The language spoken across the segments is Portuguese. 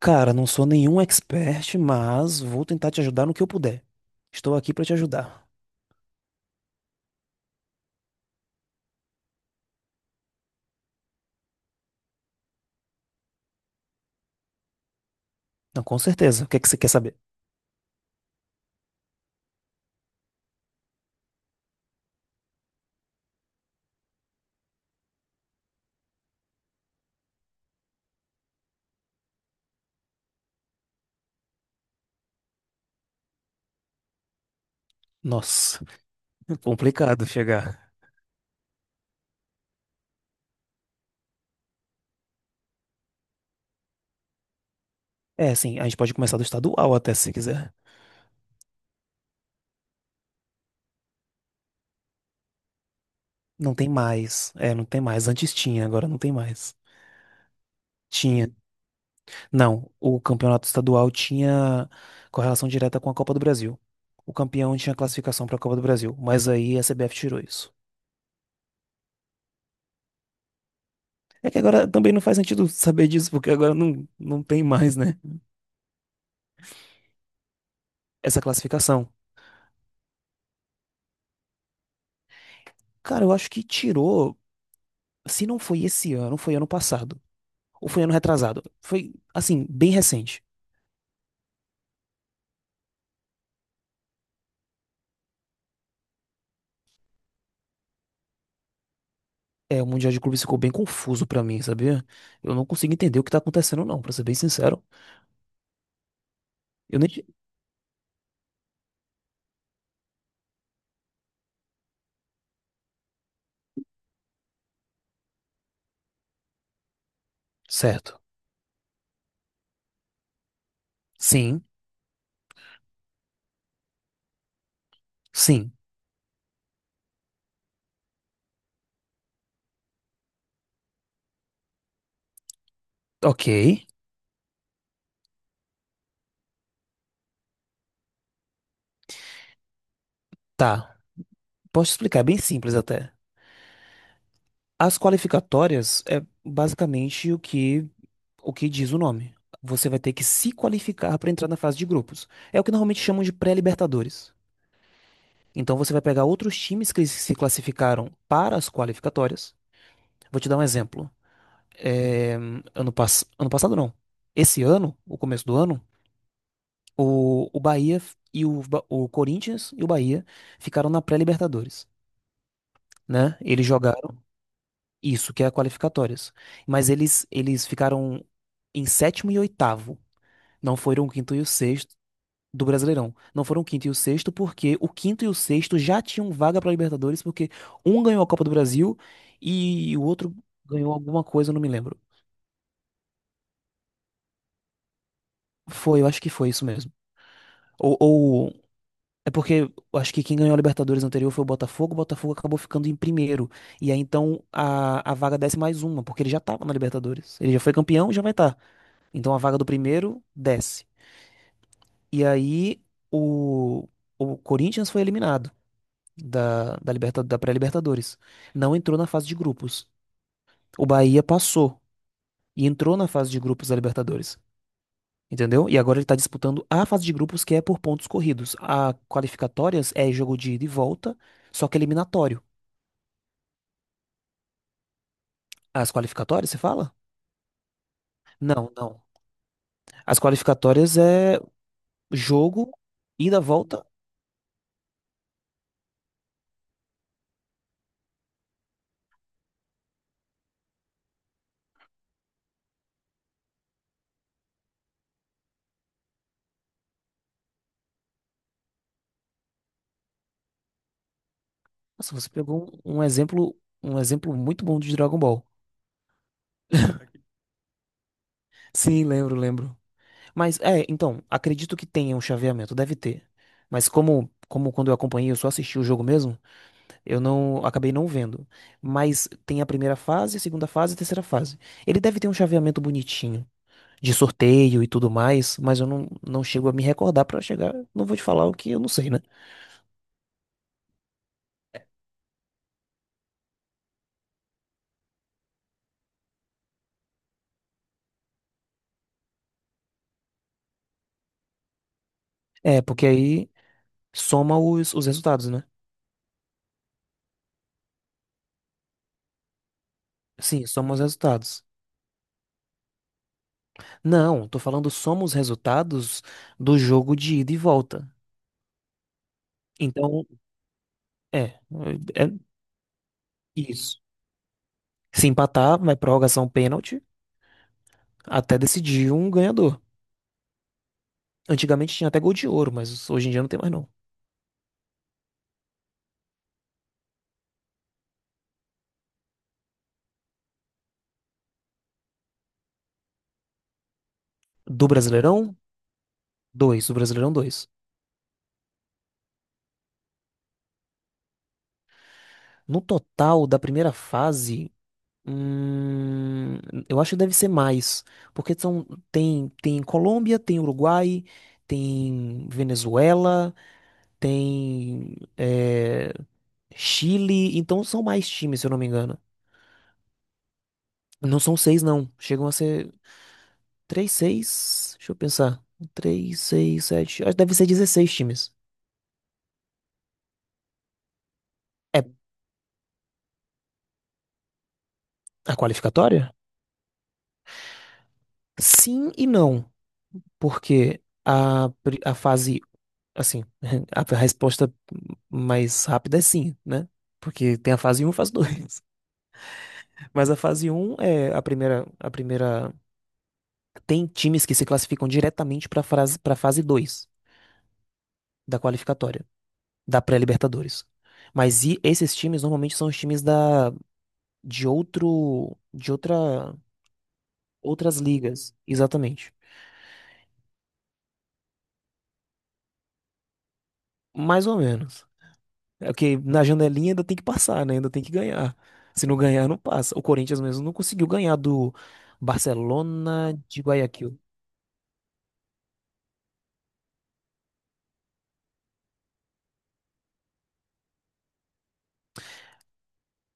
Cara, não sou nenhum expert, mas vou tentar te ajudar no que eu puder. Estou aqui para te ajudar. Não, com certeza. O que é que você quer saber? Nossa, complicado chegar. É, sim, a gente pode começar do estadual até se quiser. Não tem mais. É, não tem mais. Antes tinha, agora não tem mais. Tinha. Não, o campeonato estadual tinha correlação direta com a Copa do Brasil. O campeão tinha classificação para a Copa do Brasil, mas aí a CBF tirou isso. É que agora também não faz sentido saber disso, porque agora não, não tem mais, né? Essa classificação. Cara, eu acho que tirou, se não foi esse ano, foi ano passado. Ou foi ano retrasado. Foi, assim, bem recente. É, o Mundial de Clubes ficou bem confuso pra mim, sabia? Eu não consigo entender o que tá acontecendo, não, pra ser bem sincero. Eu nem. Ti- Certo. Sim, sim. Ok, tá. Posso explicar, é bem simples até. As qualificatórias é basicamente o que diz o nome. Você vai ter que se qualificar pra entrar na fase de grupos. É o que normalmente chamam de pré-libertadores. Então você vai pegar outros times que se classificaram para as qualificatórias. Vou te dar um exemplo. É, ano passado, não. Esse ano, o começo do ano, o Bahia e o Corinthians e o Bahia ficaram na pré-Libertadores, né? Eles jogaram isso, que é a qualificatórias. Mas eles ficaram em sétimo e oitavo. Não foram o quinto e o sexto. Do Brasileirão. Não foram o quinto e o sexto, porque o quinto e o sexto já tinham vaga para Libertadores, porque um ganhou a Copa do Brasil e o outro ganhou alguma coisa, eu não me lembro. Foi, eu acho que foi isso mesmo. Ou, ou- é porque eu acho que quem ganhou a Libertadores anterior foi o Botafogo acabou ficando em primeiro. E aí então a vaga desce mais uma, porque ele já tava na Libertadores. Ele já foi campeão, já vai estar. Então a vaga do primeiro desce. E aí o, o Corinthians foi eliminado. Da pré-Libertadores. Não entrou na fase de grupos. O Bahia passou e entrou na fase de grupos da Libertadores. Entendeu? E agora ele está disputando a fase de grupos, que é por pontos corridos. A qualificatórias é jogo de ida e volta, só que eliminatório. As qualificatórias, você fala? Não, não. As qualificatórias é jogo, ida, volta. Nossa, você pegou um exemplo, um exemplo muito bom de Dragon Ball. Sim, lembro, lembro. Mas é, então, acredito que tenha um chaveamento, deve ter. Mas como, como quando eu acompanhei, eu só assisti o jogo mesmo, eu não acabei não vendo. Mas tem a primeira fase, a segunda fase e a terceira fase. Ele deve ter um chaveamento bonitinho, de sorteio e tudo mais, mas eu não, não chego a me recordar pra chegar, não vou te falar o que eu não sei, né? É, porque aí soma os resultados, né? Sim, soma os resultados. Não, tô falando soma os resultados do jogo de ida e volta. Então, é, é é isso. Se empatar, vai prorrogação pênalti até decidir um ganhador. Antigamente tinha até gol de ouro, mas hoje em dia não tem mais não. Do Brasileirão, dois. Do Brasileirão, dois. No total da primeira fase, hum, eu acho que deve ser mais. Porque são, tem, tem Colômbia, tem Uruguai, tem Venezuela, tem é, Chile. Então são mais times, se eu não me engano. Não são seis, não. Chegam a ser. Três 6 Deixa eu pensar. Três 6 7 Acho que deve ser 16 times. É a qualificatória? Sim e não. Porque a, pri- a fase. Assim, a resposta mais rápida é sim, né? Porque tem a fase um e a fase 2. Mas a fase um é a primeira. A primeira. Tem times que se classificam diretamente para a fase 2 da qualificatória, da pré-Libertadores. Mas e esses times normalmente são os times de outra Outras ligas, exatamente. Mais ou menos. É que na janelinha ainda tem que passar, né? Ainda tem que ganhar. Se não ganhar, não passa. O Corinthians mesmo não conseguiu ganhar do Barcelona de Guayaquil.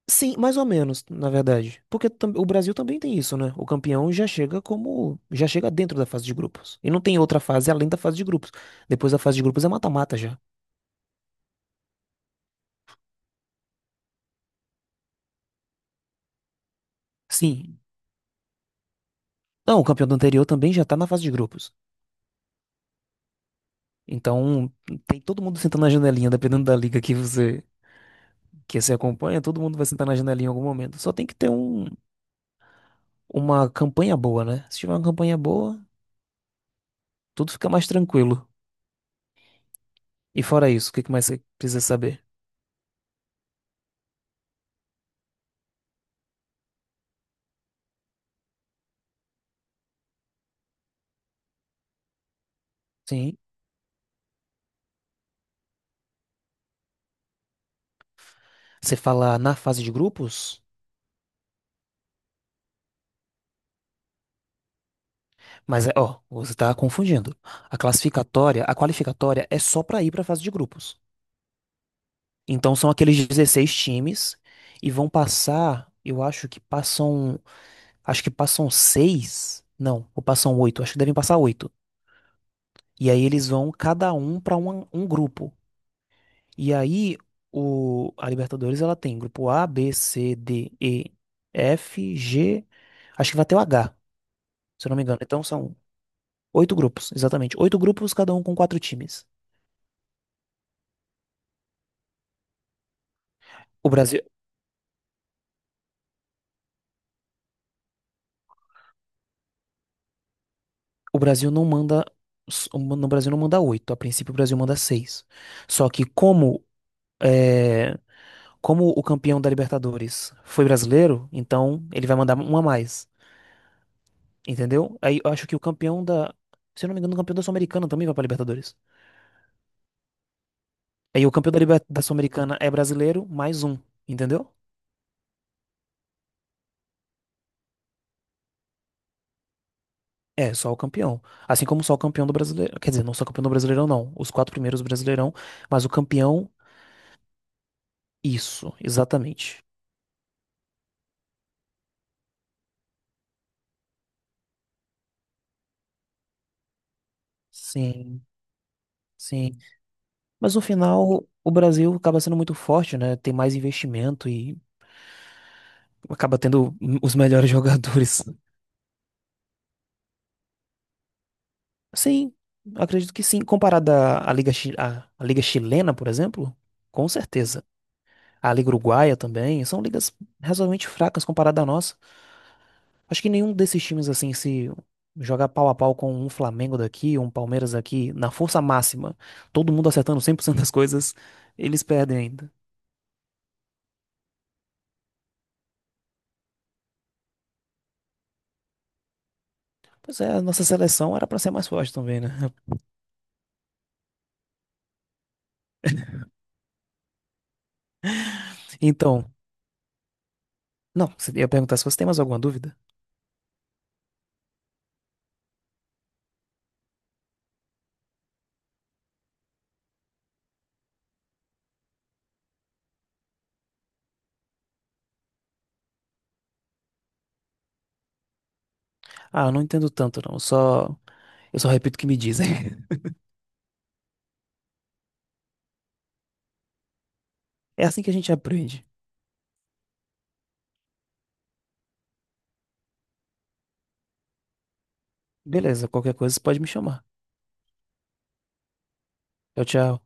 Sim, mais ou menos, na verdade. Porque o Brasil também tem isso, né? O campeão já chega como, já chega dentro da fase de grupos. E não tem outra fase além da fase de grupos. Depois da fase de grupos é mata-mata já. Sim. Não, o campeão do anterior também já tá na fase de grupos. Então, tem todo mundo sentando na janelinha, dependendo da liga que você acompanha, todo mundo vai sentar na janelinha em algum momento. Só tem que ter um, uma campanha boa, né? Se tiver uma campanha boa, tudo fica mais tranquilo. E fora isso, o que que mais você precisa saber? Sim, você fala na fase de grupos, mas é, ó, você tá confundindo. A qualificatória é só pra ir pra fase de grupos. Então são aqueles 16 times e vão passar, eu acho que passam seis, não, ou passam oito, acho que devem passar oito. E aí eles vão cada um um grupo. E aí, a Libertadores, ela tem grupo A, B, C, D, E, F, G, acho que vai até o H, se eu não me engano. Então são oito grupos, exatamente. Oito grupos, cada um com quatro times. O Brasil, o Brasil não manda, o no Brasil não manda oito, a princípio o Brasil manda seis. Só que como, é, como o campeão da Libertadores foi brasileiro, então ele vai mandar uma a mais, entendeu? Aí eu acho que o campeão da, se eu não me engano, o campeão da Sul-Americana também vai pra Libertadores. Aí o campeão da, da Sul-Americana é brasileiro, mais um, entendeu? É, só o campeão. Assim como só o campeão do Brasileirão. Quer dizer, não só o campeão do Brasileirão, não. Os quatro primeiros do Brasileirão, mas o campeão, isso, exatamente. Sim, sim. Mas no final, o Brasil acaba sendo muito forte, né? Tem mais investimento e acaba tendo os melhores jogadores. Sim, acredito que sim. Comparado à à Liga, à Liga Chilena, por exemplo, com certeza. A Liga Uruguaia também, são ligas razoavelmente fracas comparada à nossa. Acho que nenhum desses times, assim, se jogar pau a pau com um Flamengo daqui, um Palmeiras aqui, na força máxima, todo mundo acertando 100% das coisas, eles perdem ainda. Pois é, a nossa seleção era pra ser mais forte também, né? Então, não, você ia perguntar se você tem mais alguma dúvida? Ah, eu não entendo tanto, não. Eu só repito o que me dizem. É assim que a gente aprende. Beleza, qualquer coisa você pode me chamar. Tchau, tchau.